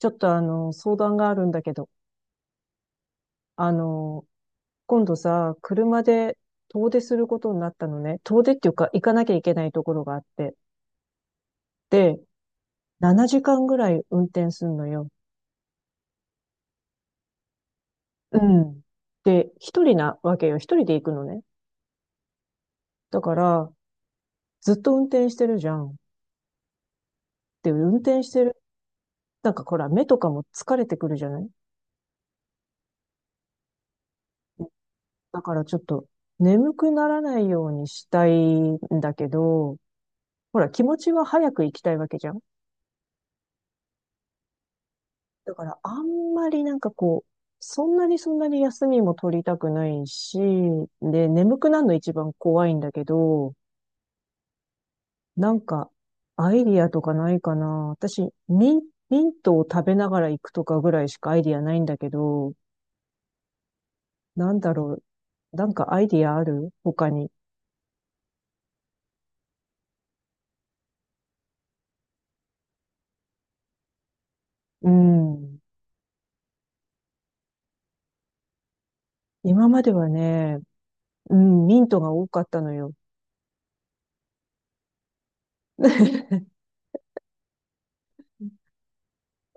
ちょっと相談があるんだけど、あの、今度さ、車で遠出することになったのね。遠出っていうか、行かなきゃいけないところがあって。で、7時間ぐらい運転すんのよ。うん。で、一人なわけよ。一人で行くのね。だから、ずっと運転してるじゃん。で、運転してる。なんかほら、目とかも疲れてくるじゃない？だからちょっと、眠くならないようにしたいんだけど、ほら、気持ちは早く行きたいわけじゃん。だからあんまり、そんなに休みも取りたくないし、で、眠くなるの一番怖いんだけど、なんか、アイディアとかないかな。私、ミントを食べながら行くとかぐらいしかアイディアないんだけど、なんだろう。なんかアイディアある他に？うん。今まではね、うん、ミントが多かったのよ。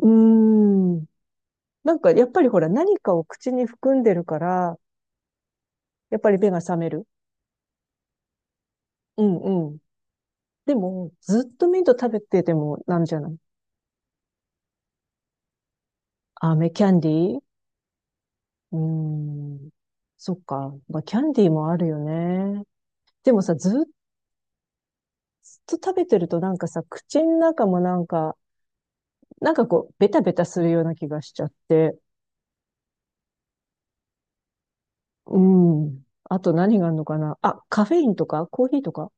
うーん。なんかやっぱりほら何かを口に含んでるから、やっぱり目が覚める。うんうん。でも、ずっとミント食べててもなんじゃない？飴キャンディー、うーん。そっか。まあ、キャンディーもあるよね。でもさ、ずっと食べてるとなんかさ、口の中もなんか、こう、ベタベタするような気がしちゃって。うん。あと何があるのかなあ、カフェインとかコーヒーとか。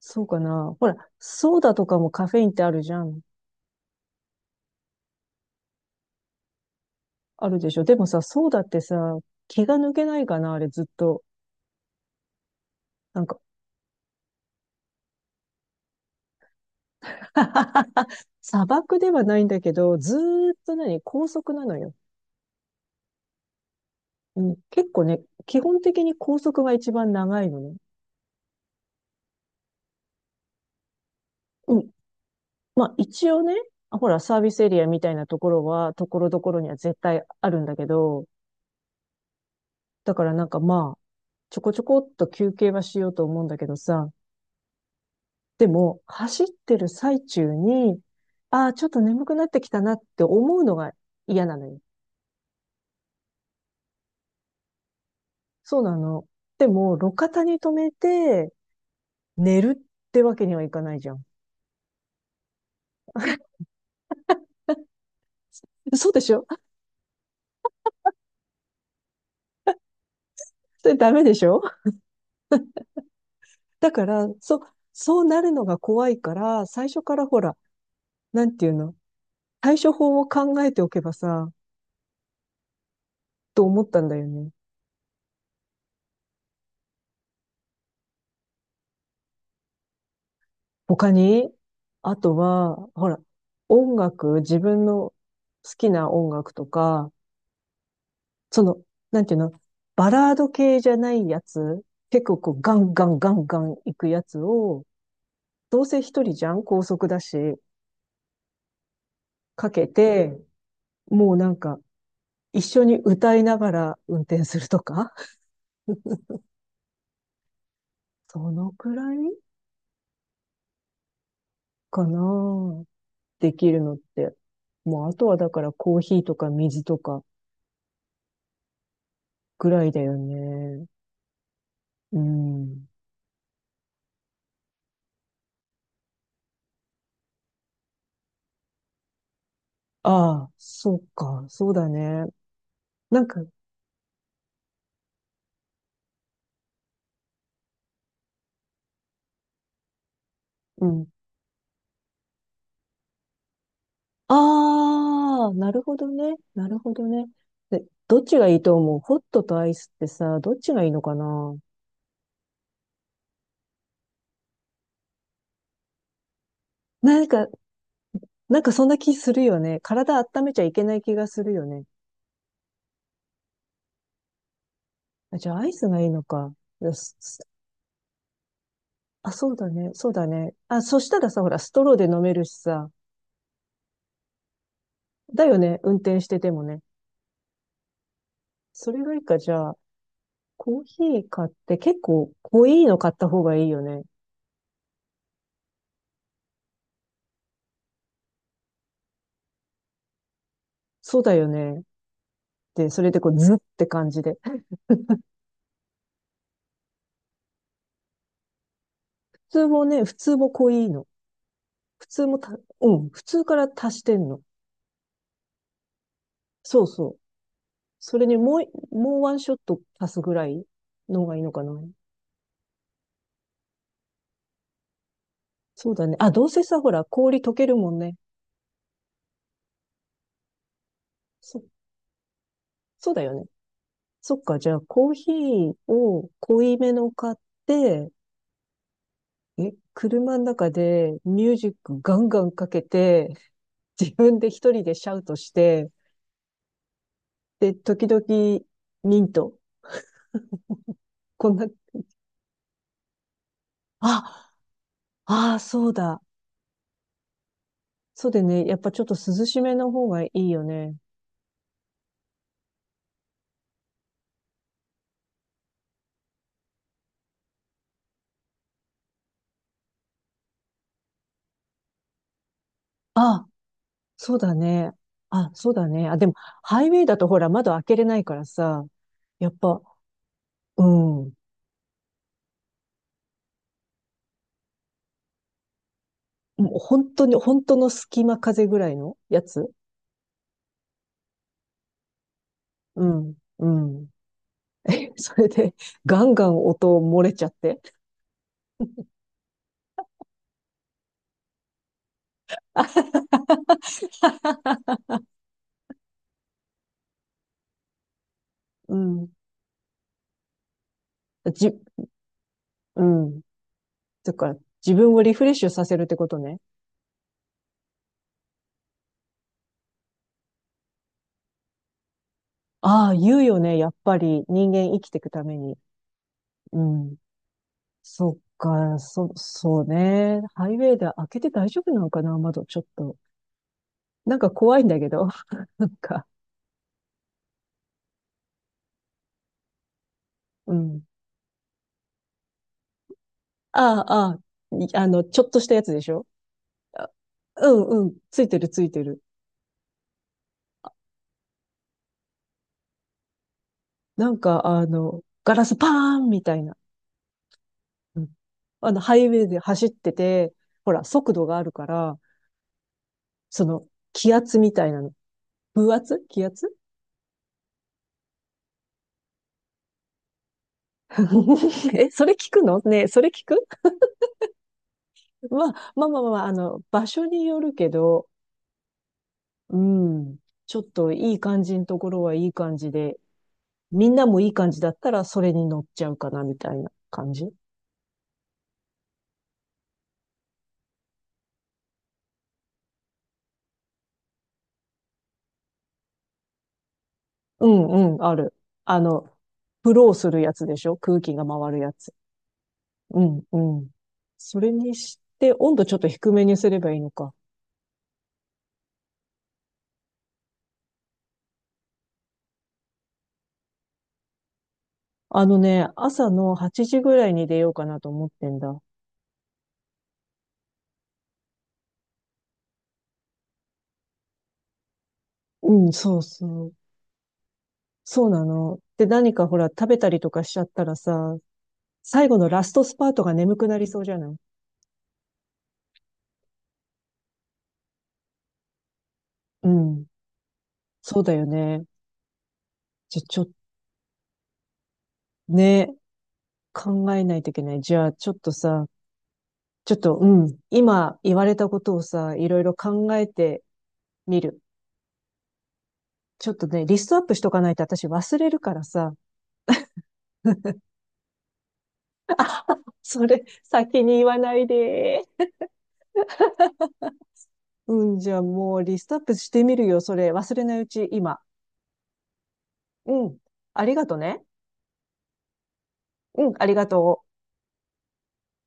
そうかなほら、ソーダとかもカフェインってあるじゃん。あるでしょ？でもさ、ソーダってさ、気が抜けないかなあれずっと。なんか。 砂漠ではないんだけど、ずーっと何、高速なのよ。うん、結構ね、基本的に高速が一番長いのね。うん。まあ一応ね、あほら、サービスエリアみたいなところは、ところどころには絶対あるんだけど、だからなんかまあ、ちょこちょこっと休憩はしようと思うんだけどさ、でも、走ってる最中に、ああ、ちょっと眠くなってきたなって思うのが嫌なのよ。そうなの。でも、路肩に止めて寝るってわけにはいかないじゃん。そうでしょ？それダメでしょ？だから、そうなるのが怖いから、最初からほら、なんていうの？対処法を考えておけばさ、と思ったんだよね。他に？あとは、ほら、音楽、自分の好きな音楽とか、その、なんていうの？バラード系じゃないやつ、結構こうガンガンガンガン行くやつを、どうせ一人じゃん高速だし、かけて、もうなんか、一緒に歌いながら運転するとか、そのくらいかな。できるのって。もうあとはだからコーヒーとか水とかぐらいだよね。うん。ああ、そうか、そうだね。なんか、うん。ああ、なるほどね。なるほどね。で、どっちがいいと思うホットとアイスってさ、どっちがいいのかな？なんか、なんかそんな気するよね。体温めちゃいけない気がするよね。あ、じゃあアイスがいいのか。よし、あ、そうだね。そうだね。あ、そしたらさ、ほら、ストローで飲めるしさ。だよね。運転しててもね。それがいいか、じゃあ、コーヒー買って結構濃いの買った方がいいよね。そうだよね。で、それでこう、ズって感じで。普通もね、普通も濃いの。普通もた、うん、普通から足してんの。そうそう。それにもうワンショット足すぐらいの方がいいのかな。そうだね。あ、どうせさ、ほら、氷溶けるもんね。そ、そうだよね。そっか、じゃあコーヒーを濃いめの買って、え、車の中でミュージックガンガンかけて、自分で一人でシャウトして、で、時々ミント、こんな、あ、ああ、そうだ。そうね、やっぱちょっと涼しめの方がいいよね。あ、そうだね。あ、そうだね。あ、でも、ハイウェイだとほら、窓開けれないからさ、やっぱ、うん。もう本当に、本当の隙間風ぐらいのやつ。うん、うん。え、それで、ガンガン音漏れちゃって。うん。じ、うん。だから、自分をリフレッシュさせるってことね。ああ、言うよね。やっぱり人間生きていくために。うん。そっか、そうね。ハイウェイで開けて大丈夫なのかな窓、ちょっと。なんか怖いんだけど。なんか、うん。ああ、ああ、い、あの、ちょっとしたやつでしょ？あ、うん、うん。ついてる、ついてる。なんか、あの、ガラスパーンみたいな。うん、あの、ハイウェイで走ってて、ほら、速度があるから、その、気圧みたいなの。風圧気圧。 え、それ聞くのねえ、それ聞く、まあ、あの、場所によるけど、うん、ちょっといい感じのところはいい感じで、みんなもいい感じだったらそれに乗っちゃうかな、みたいな感じ。うんうん、ある。あの、フローするやつでしょ？空気が回るやつ。うん、うん。それにして、温度ちょっと低めにすればいいのか。あのね、朝の8時ぐらいに出ようかなと思ってんだ。うん、そうそう。そうなの。で、何かほら、食べたりとかしちゃったらさ、最後のラストスパートが眠くなりそうじゃない？うん。そうだよね。じゃ、ちょ、ね、考えないといけない。じゃあ、ちょっとさ、ちょっと、うん。今言われたことをさ、いろいろ考えてみる。ちょっとね、リストアップしとかないと私忘れるからさ。それ、先に言わないで。うん、じゃあもうリストアップしてみるよ、それ。忘れないうち、今。うん。ありがとね。うん、ありがとう。